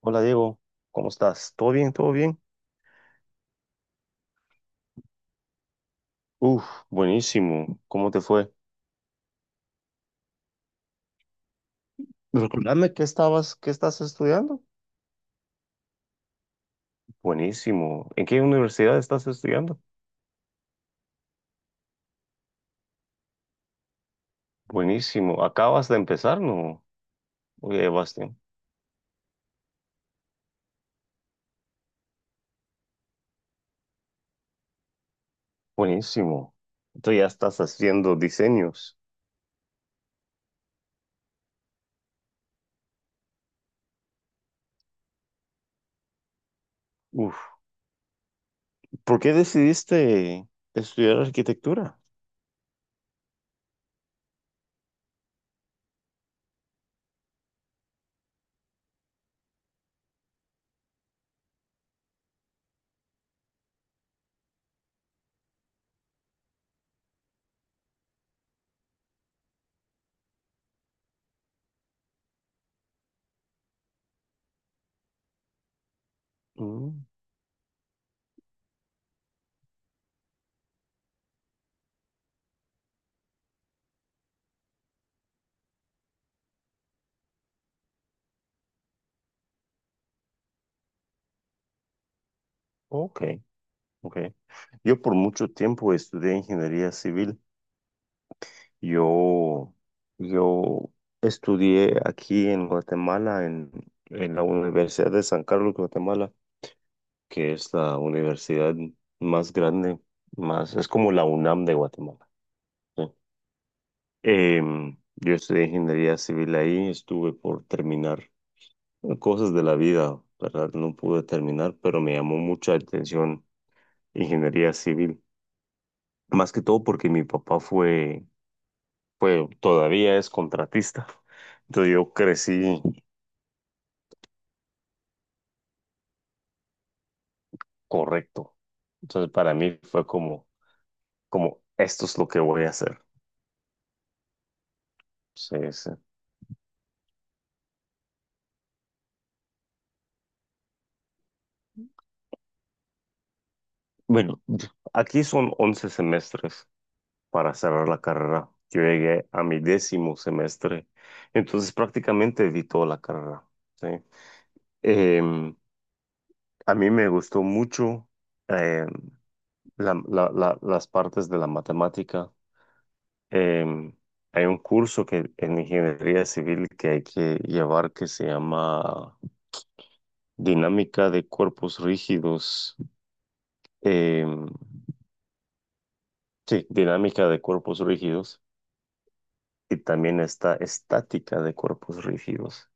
Hola Diego, ¿cómo estás? ¿Todo bien? ¿Todo bien? Uf, buenísimo. ¿Cómo te fue? Recordame qué estás estudiando. Buenísimo. ¿En qué universidad estás estudiando? Buenísimo. Acabas de empezar, ¿no? Oye, Bastián. Buenísimo. Entonces ya estás haciendo diseños. Uf, ¿por qué decidiste estudiar arquitectura? Mm, ok, ok. Yo por mucho tiempo estudié ingeniería civil. Yo, yo estudié aquí en Guatemala, en la Universidad de San Carlos, Guatemala, que es la universidad más grande, es como la UNAM de Guatemala. ¿Sí? Yo estudié ingeniería civil ahí, estuve por terminar cosas de la vida, ¿verdad? No pude terminar, pero me llamó mucha atención ingeniería civil, más que todo porque mi papá fue, todavía es contratista. Entonces yo crecí. Correcto. Entonces, para mí fue como, esto es lo que voy a hacer. Sí, sí. Bueno, aquí son 11 semestres para cerrar la carrera. Yo llegué a mi décimo semestre, entonces prácticamente vi toda la carrera. Sí. Em, a mí me gustó mucho em, las partes de la matemática. Em, hay un curso que en ingeniería civil que hay que llevar que se llama dinámica de cuerpos rígidos. em, sí, dinámica de cuerpos rígidos. Y también está estática de cuerpos rígidos.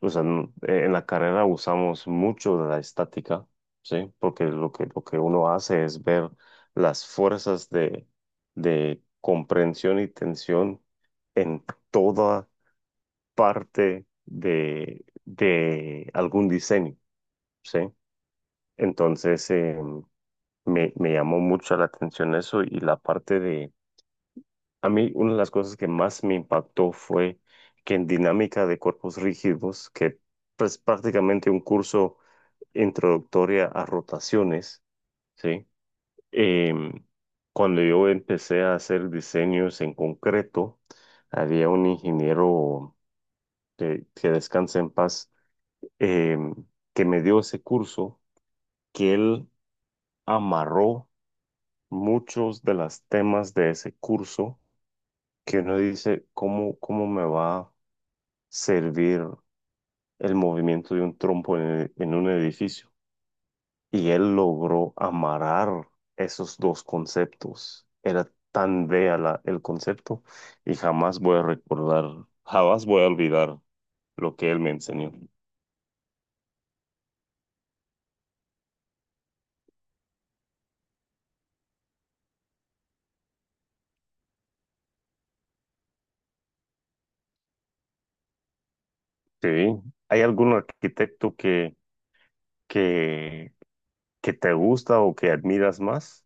O sea, en la carrera usamos mucho de la estática, ¿sí? Porque lo que uno hace es ver las fuerzas de comprensión y tensión en toda parte de algún diseño, ¿sí? Entonces, me llamó mucho la atención eso y la parte de, a mí una de las cosas que más me impactó fue que en dinámica de cuerpos rígidos, que es prácticamente un curso introductoria a rotaciones, ¿sí? Em, cuando yo empecé a hacer diseños en concreto, había un ingeniero que descansa en paz, em, que me dio ese curso, que él amarró muchos de los temas de ese curso que uno dice, ¿cómo me va a servir el movimiento de un trompo en un edificio? Y él logró amarrar esos dos conceptos. Era tan bella el concepto y jamás voy a olvidar lo que él me enseñó. Sí, ¿hay algún arquitecto que, que te gusta o que admiras más?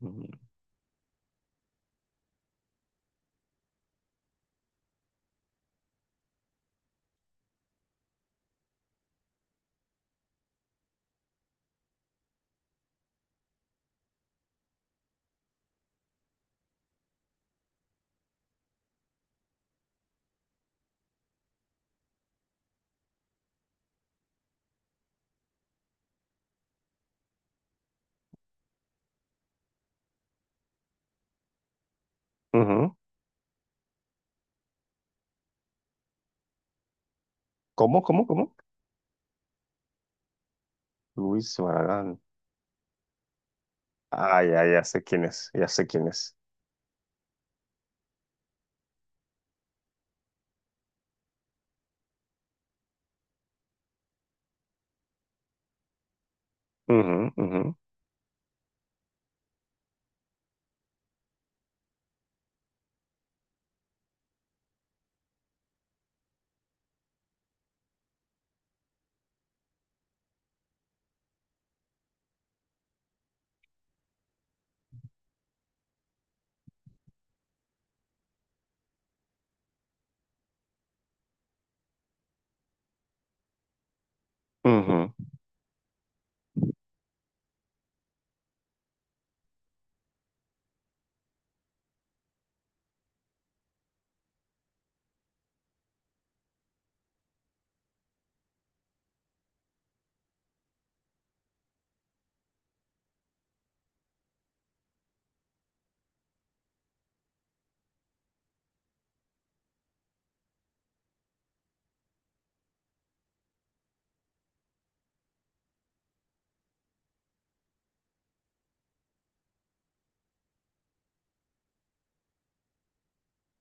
Ujú. Ujú. ¿Cómo, cómo, cómo? Luis Barragán. Ah, ya, ya sé quién es, ya sé quién es. Ujú, ujú, ujú,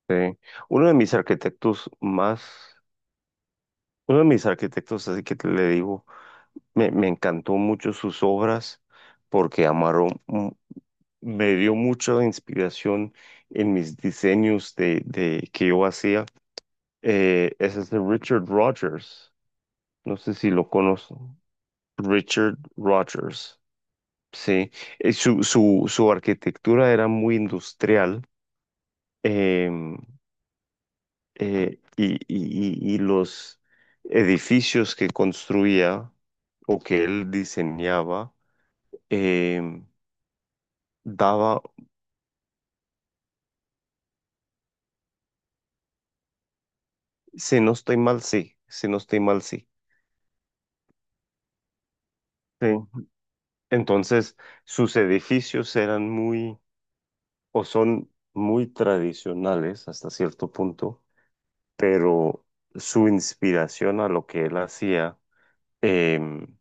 sí. Uno de mis arquitectos más, uno de mis arquitectos, así que te le digo, me encantó mucho sus obras porque amaron, me dio mucha inspiración en mis diseños de que yo hacía. Ese es de Richard Rogers, no sé si lo conozco. Richard Rogers, sí. Su arquitectura era muy industrial. em, y los edificios que construía o que él diseñaba, eh, daba, si no estoy mal, sí, si no estoy mal, sí. Sí. Entonces, sus edificios eran muy, o son muy tradicionales hasta cierto punto, pero su inspiración a lo que él hacía em,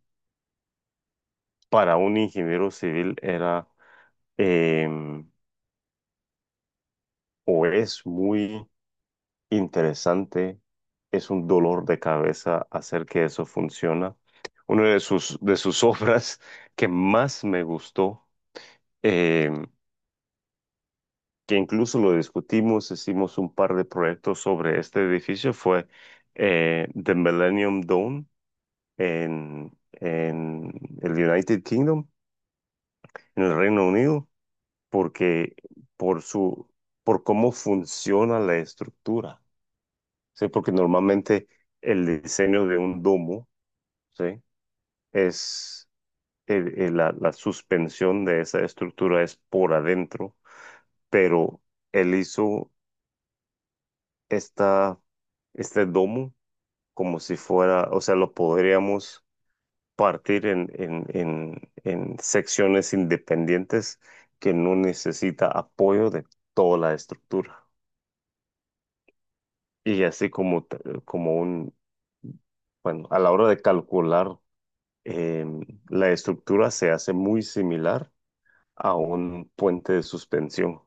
para un ingeniero civil era em, o es muy interesante, es un dolor de cabeza hacer que eso funcione. Una de sus obras que más me gustó, eh, que incluso lo discutimos, hicimos un par de proyectos sobre este edificio, fue The Millennium Dome en el United Kingdom, en el Reino Unido, porque por su, por cómo funciona la estructura, ¿sí? Porque normalmente el diseño de un domo, ¿sí? Es la suspensión de esa estructura es por adentro, pero él hizo esta, este domo como si fuera, o sea, lo podríamos partir en secciones independientes que no necesita apoyo de toda la estructura. Y así como, como un, bueno, a la hora de calcular, em, la estructura se hace muy similar a un puente de suspensión.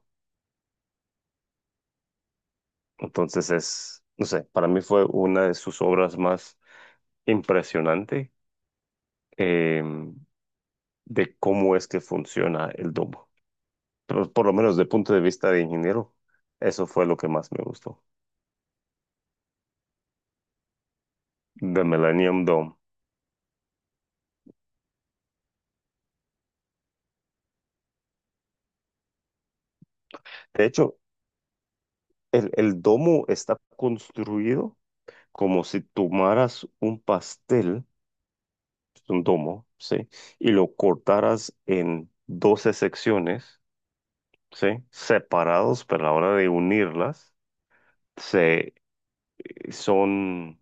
Entonces es, no sé, para mí fue una de sus obras más impresionante eh, de cómo es que funciona el domo. Pero por lo menos de punto de vista de ingeniero, eso fue lo que más me gustó, de Millennium Dome. De hecho, el domo está construido como si tomaras un pastel, es un domo, ¿sí? Y lo cortaras en 12 secciones, ¿sí? Separados, pero a la hora de unirlas, se, son,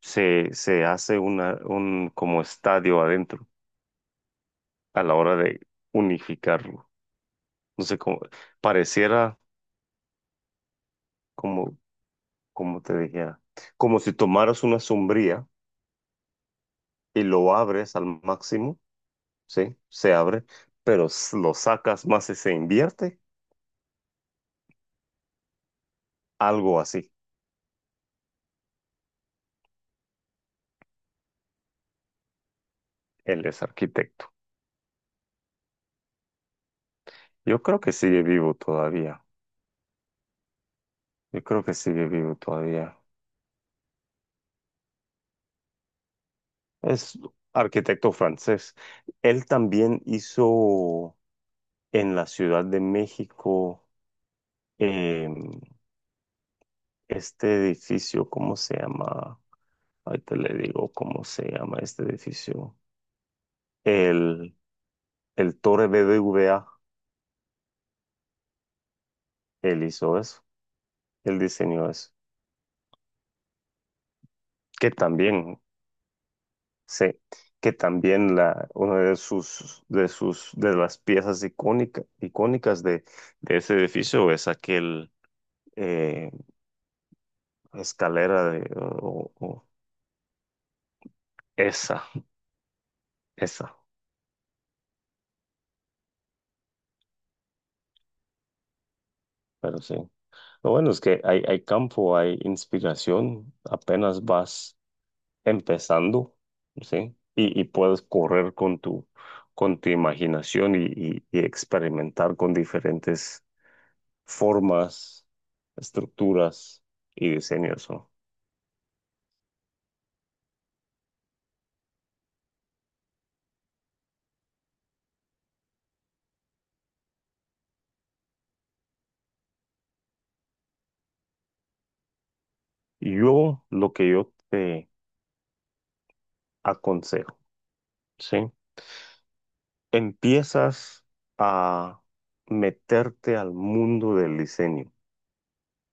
se hace una, un como estadio adentro a la hora de unificarlo. No sé cómo, pareciera como, como te dijera, como si tomaras una sombría y lo abres al máximo, ¿sí? Se abre, pero lo sacas más y se invierte, algo así. Él es arquitecto. Yo creo que sigue vivo todavía. Yo creo que sigue vivo todavía. Es arquitecto francés. Él también hizo en la Ciudad de México eh, este edificio, ¿cómo se llama? Ahorita le digo cómo se llama este edificio. El, el Torre BBVA él hizo eso, él diseñó eso, que también, sí, que también una de las piezas icónicas de ese edificio es aquel eh, Escalera de, esa, esa, pero sí. Lo bueno es que hay campo, hay inspiración, apenas vas empezando, ¿sí? Y puedes correr con tu imaginación y experimentar con diferentes formas, estructuras y diseños, ¿no? Lo que yo te aconsejo, ¿sí? Empiezas a meterte al mundo del diseño.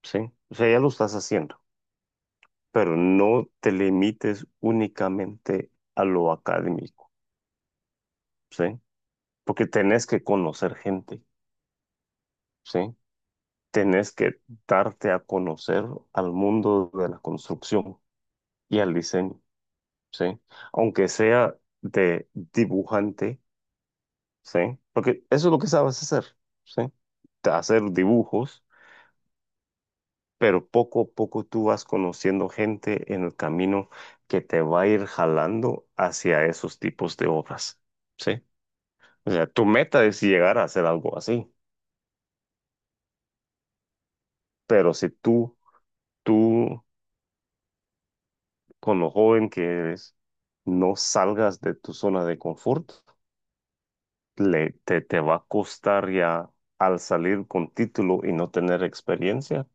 Sí, o sea, ya lo estás haciendo, pero no te limites únicamente a lo académico, ¿sí? Porque tenés que conocer gente, ¿sí? Tenés que darte a conocer al mundo de la construcción y al diseño, ¿sí? Aunque sea de dibujante, ¿sí? Porque eso es lo que sabes hacer, ¿sí? Hacer dibujos, pero poco a poco tú vas conociendo gente en el camino que te va a ir jalando hacia esos tipos de obras, ¿sí? O sea, tu meta es llegar a hacer algo así, pero si tú, con lo joven que eres, no salgas de tu zona de confort, te va a costar ya al salir con título y no tener experiencia,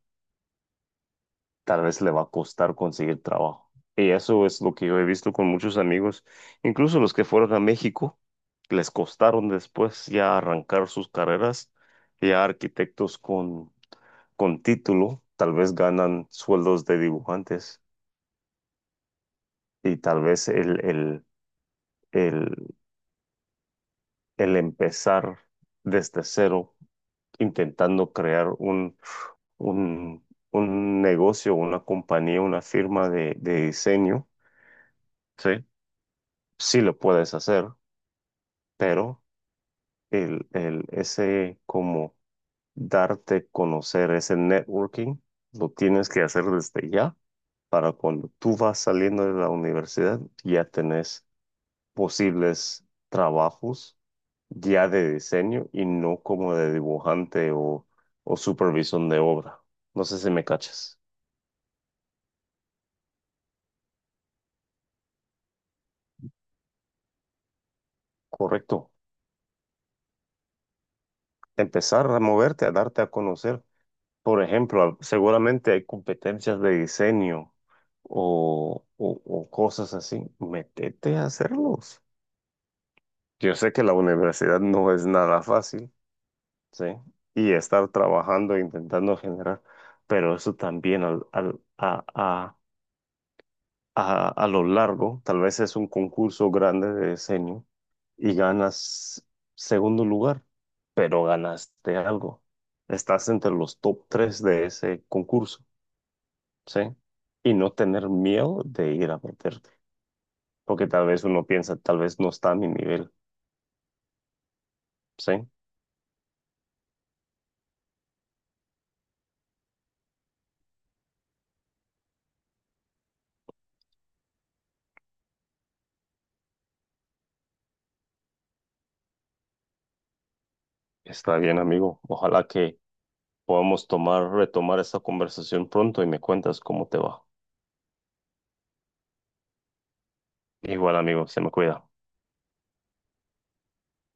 tal vez le va a costar conseguir trabajo. Y eso es lo que yo he visto con muchos amigos, incluso los que fueron a México, les costaron después ya arrancar sus carreras, ya arquitectos con título, tal vez ganan sueldos de dibujantes y tal vez el, el empezar desde cero, intentando crear un, un negocio, una compañía, una firma de diseño, ¿sí? Sí lo puedes hacer, pero ese como darte conocer, ese networking, lo tienes que hacer desde ya para cuando tú vas saliendo de la universidad, ya tenés posibles trabajos ya de diseño y no como de dibujante o supervisión de obra. No sé si me cachas. Correcto. Empezar a moverte, a darte a conocer. Por ejemplo, seguramente hay competencias de diseño o cosas así. Métete a hacerlos. Yo sé que la universidad no es nada fácil, ¿sí? Y estar trabajando e intentando generar, pero eso también a lo largo, tal vez es un concurso grande de diseño y ganas segundo lugar, pero ganaste algo. Estás entre los top tres de ese concurso. ¿Sí? Y no tener miedo de ir a meterte, porque tal vez uno piensa, tal vez no está a mi nivel, ¿sí? Está bien, amigo. Ojalá que podamos retomar esta conversación pronto y me cuentas cómo te va. Igual, amigo, se me cuida.